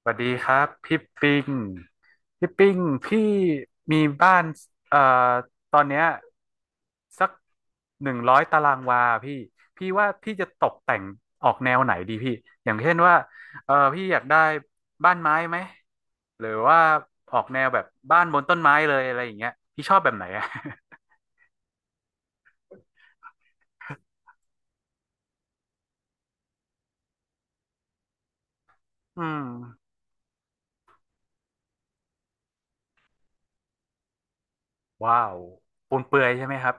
สวัสดีครับพี่ปิงพี่ปิงพี่มีบ้านเอ่อตอนเนี้ยสักหนึ่งร้อยตารางวาพี่พี่ว่าพี่จะตกแต่งออกแนวไหนดีพี่อย่างเช่นว่าเออพี่อยากได้บ้านไม้ไหมหรือว่าออกแนวแบบบ้านบนต้นไม้เลยอะไรอย่างเงี้ยพี่ชอบแบบไหนอะ อืมว้าวปูนเปลือยใช่ไหมครับ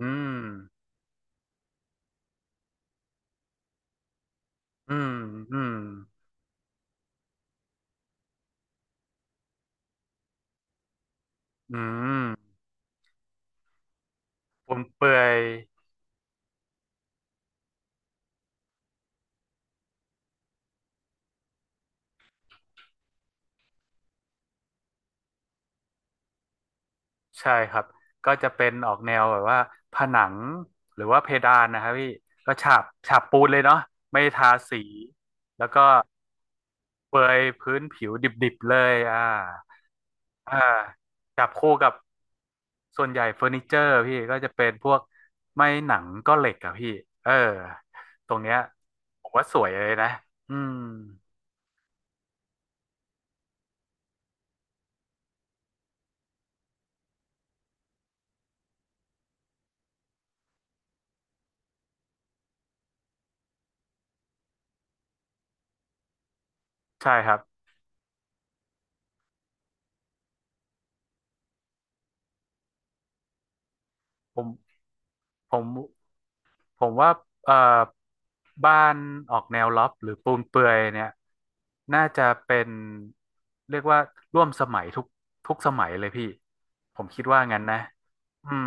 อืมอืมอืมอืมปูนเปลือย ใช่ครับ ก็จะเป็นออกแนวแบบว่าผนังหรือว่าเพดานนะครับพี่ก็ฉาบปูนเลยเนาะไม่ทาสีแล้วก็เปรยพื้นผิวดิบๆเลยอ่าจับคู่กับส่วนใหญ่เฟอร์นิเจอร์พี่ก็จะเป็นพวกไม้หนังก็เหล็กอะพี่เออตรงเนี้ยผมว่าสวยเลยนะอืมใช่ครับผมผม ผมว่าเอ่อบ้านออกแนวล็อฟหรือปูนเปลื่อยเนี่ยน่าจะเป็นเรียกว่าร่วมสมัยทุกทุกสมัยเลยพี่ผมคิดว่างั้นนะอืม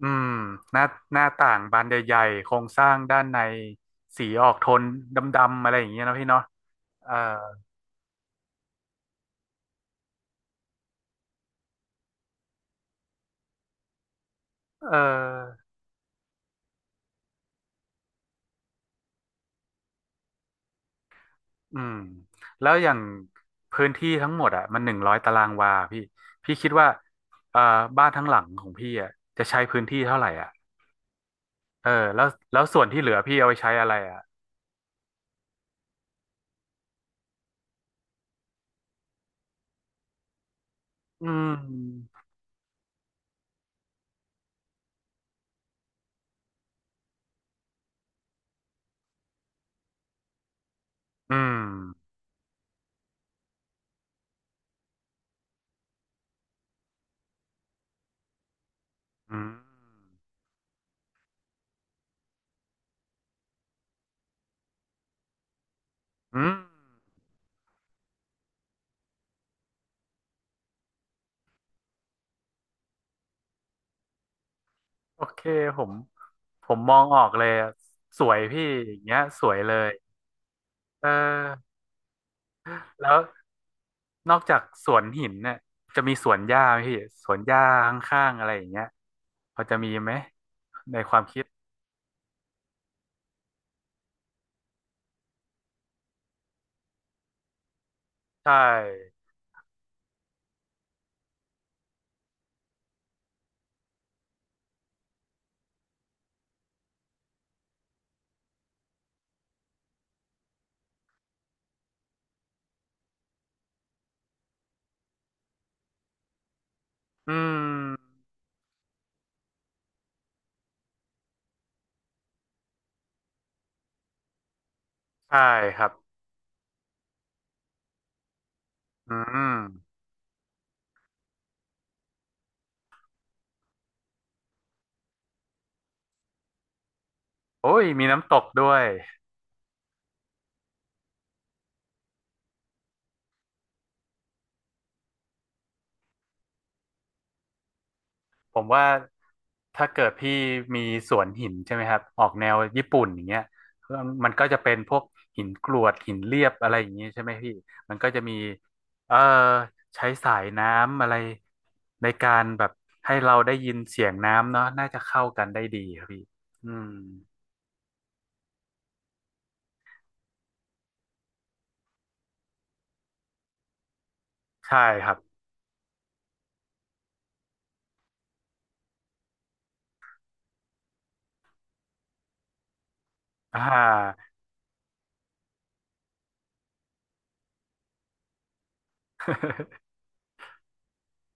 อืมหน้าหน้าต่างบานใหญ่ๆโครงสร้างด้านในสีออกโทนดำๆอะไรอย่างเงี้ยนะพี่เนาะเออเอออืมแล้วอย่างพื้นที่ทั้งหมดอ่ะมันหนึ่งร้อยตารางวาพี่พี่คิดว่าเอ่อบ้านทั้งหลังของพี่อ่ะจะใช้พื้นที่เท่าไหร่อ่ะ เออแล้วแล้วส่วนที่เหลือพี่เอาไปใช้อะไรอ่ะอืมอืมอืมอืมโอเคผมผมมองออกเลยอะสวยพี่อย่างเงี้ยสวยเลยเออแล้วนอกจากสวนหินเนี่ยจะมีสวนหญ้าไหมพี่สวนหญ้าข้างๆอะไรอย่างเงี้ยพอจะมีไหมในความคิดใช่อืมใช่ครับอืมโอ้ยมีน้ำตกด้วยผมว่า ถ้าเกิดพี่มีสวนหินใช่ไหมครับออกแนวญี่ปุ่นอย่างเงี้ยมันก็จะเป็นพวกหินกรวดหินเรียบอะไรอย่างงี้ใช่ไหมพี่มันก็จะมีเออใช้สายน้ำอะไรในการแบบให้เราได้ยินเสียงน้ำเนาะน่าจะเข้ากันได้ดีครับพี่อืมใช่ครับอ่า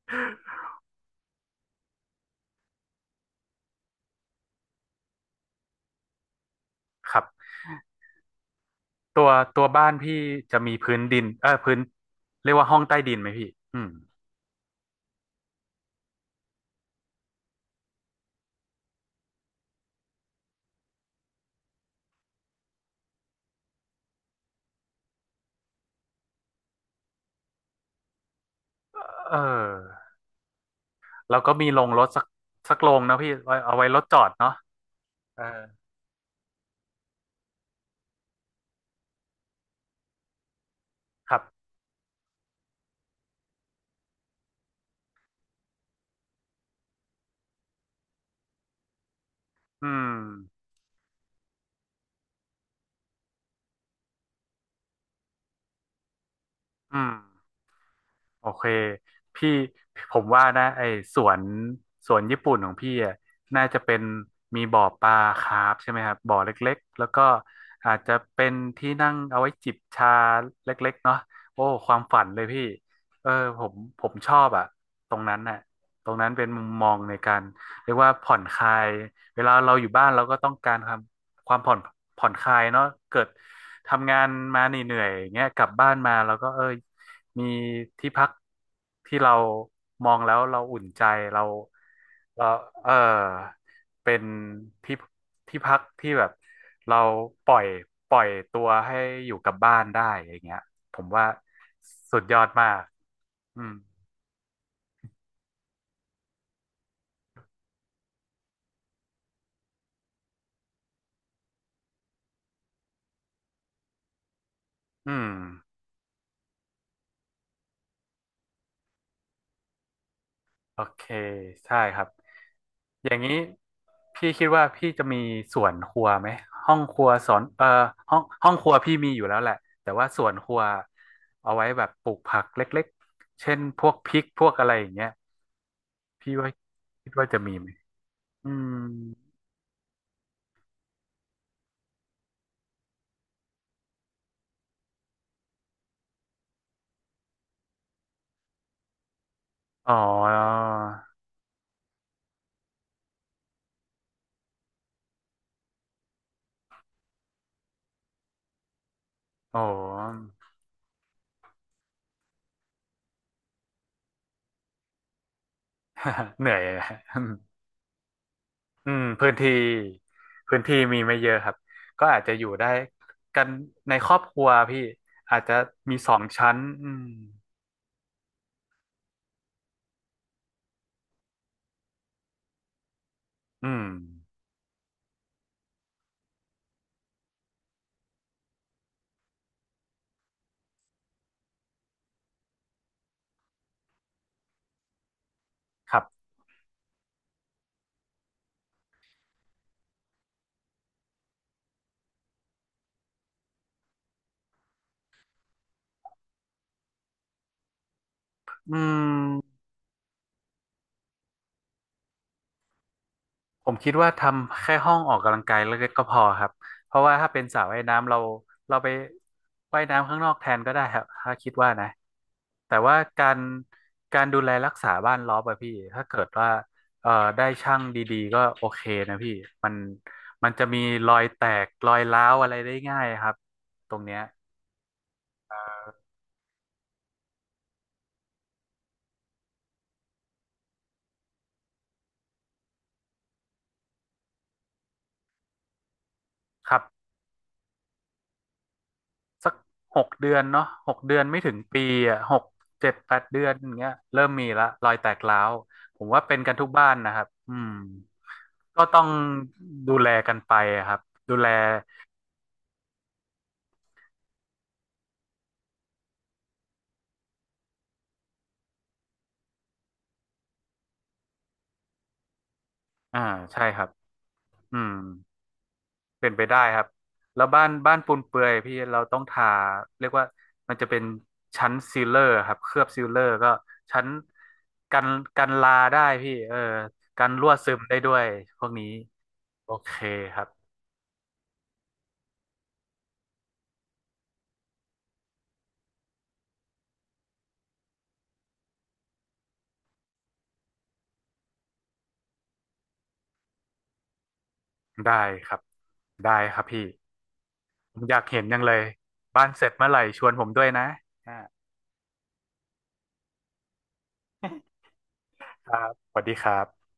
ครับตัวตัวบ้านพี่จะมีพื้นดินเออพื้นเรียกว่าห้องใต้ดินไหมพี่อืมเออ แล้วก็มีโรงรถสักโรงนะพี่ไว้เอาไว้รถจอดเนาะเอาครับอืมอืมโอเคพี่ผมว่านะไอ้สวนสวนญี่ปุ่นของพี่อะน่าจะเป็นมีบ่อปลาคาร์ฟใช่ไหมครับบ่อเล็กๆแล้วก็อาจจะเป็นที่นั่งเอาไว้จิบชาเล็กๆเนาะโอ้ความฝันเลยพี่เออผมชอบอะตรงนั้นน่ะตรงนั้นเป็นมุมมองในการเรียกว่าผ่อนคลายเวลาเราอยู่บ้านเราก็ต้องการความ ความผ่อนผ่อนคลายเนาะเกิดทำงานมาเหนื่อยๆอย่างเงี้ยกลับบ้านมาแล้วก็เออมีที่พักที่เรามองแล้วเราอุ่นใจเราเราเออเป็นที่ที่พักที่แบบเราปล่อยปล่อยตัวให้อยู่กับบ้านได้อย่างเงี้ยผมว่าสุดยอดมากอืมอืม โอเคใช่ครับอย่างนี้พี่คิดว่าพี่จะมีส่วนครัวไหมห้องครัวสอนห้องครัวพี่มีอยู่แล้วแหละแต่ว่าส่วนครัวเอาไว้แบบปลูกผักเล็กๆเช่นพวกพริกพวกอะไรอย่างเงี้ยพี่ว่าคิดว่าจะมีไหมอืมอ๋อโอ้ เหนื่อยนะ อืมพื้นที่พื้นที่มีไม่เยอะครับก็อาจจะอยู่ได้กันในครอบครัวพี่อาจจะมี2 ชั้นอืมอืมครับอืม ผมคิดว่าทำแค่ห้องออกกำลังกายเล็กๆก็พอครับเพราะว่าถ้าเป็นสระว่ายน้ำเราไปว่ายน้ำข้างนอกแทนก็ได้ครับถ้าคิดว่านะแต่ว่าการดูแลรักษาบ้านรอบอะพี่ถ้าเกิดว่าเอ่อได้ช่างดีๆก็โอเคนะพี่มันมันจะมีรอยแตกรอยร้าวอะไรได้ง่ายครับตรงเนี้ยครับ สัก6 เดือนเนาะหกเดือนไม่ถึงปีอ่ะ6 7 8 เดือนอย่างเงี้ยเริ่มมีละรอยแตกร้าวผมว่าเป็นกันทุกบ้านนะครับอืมก็ต้องดูแลกันไปอะครับดูแลอ่าใช่ครับอืมเป็นไปได้ครับแล้วบ้านปูนเปื่อยพี่เราต้องทาเรียกว่ามันจะเป็นชั้นซีลเลอร์ครับเคลือบซีลเลอร์ก็ชั้นกันกันลาได้พี่เออกันรั่วซึมได้ด้วยพวกนี้โอเคครับ ได้ครับได้ครับพี่ผมอยากเห็นยังเลยบ้านเสร็จเมื่อไหร่ชวนผมด้วยนะอ่า ครับสวัสดีครับ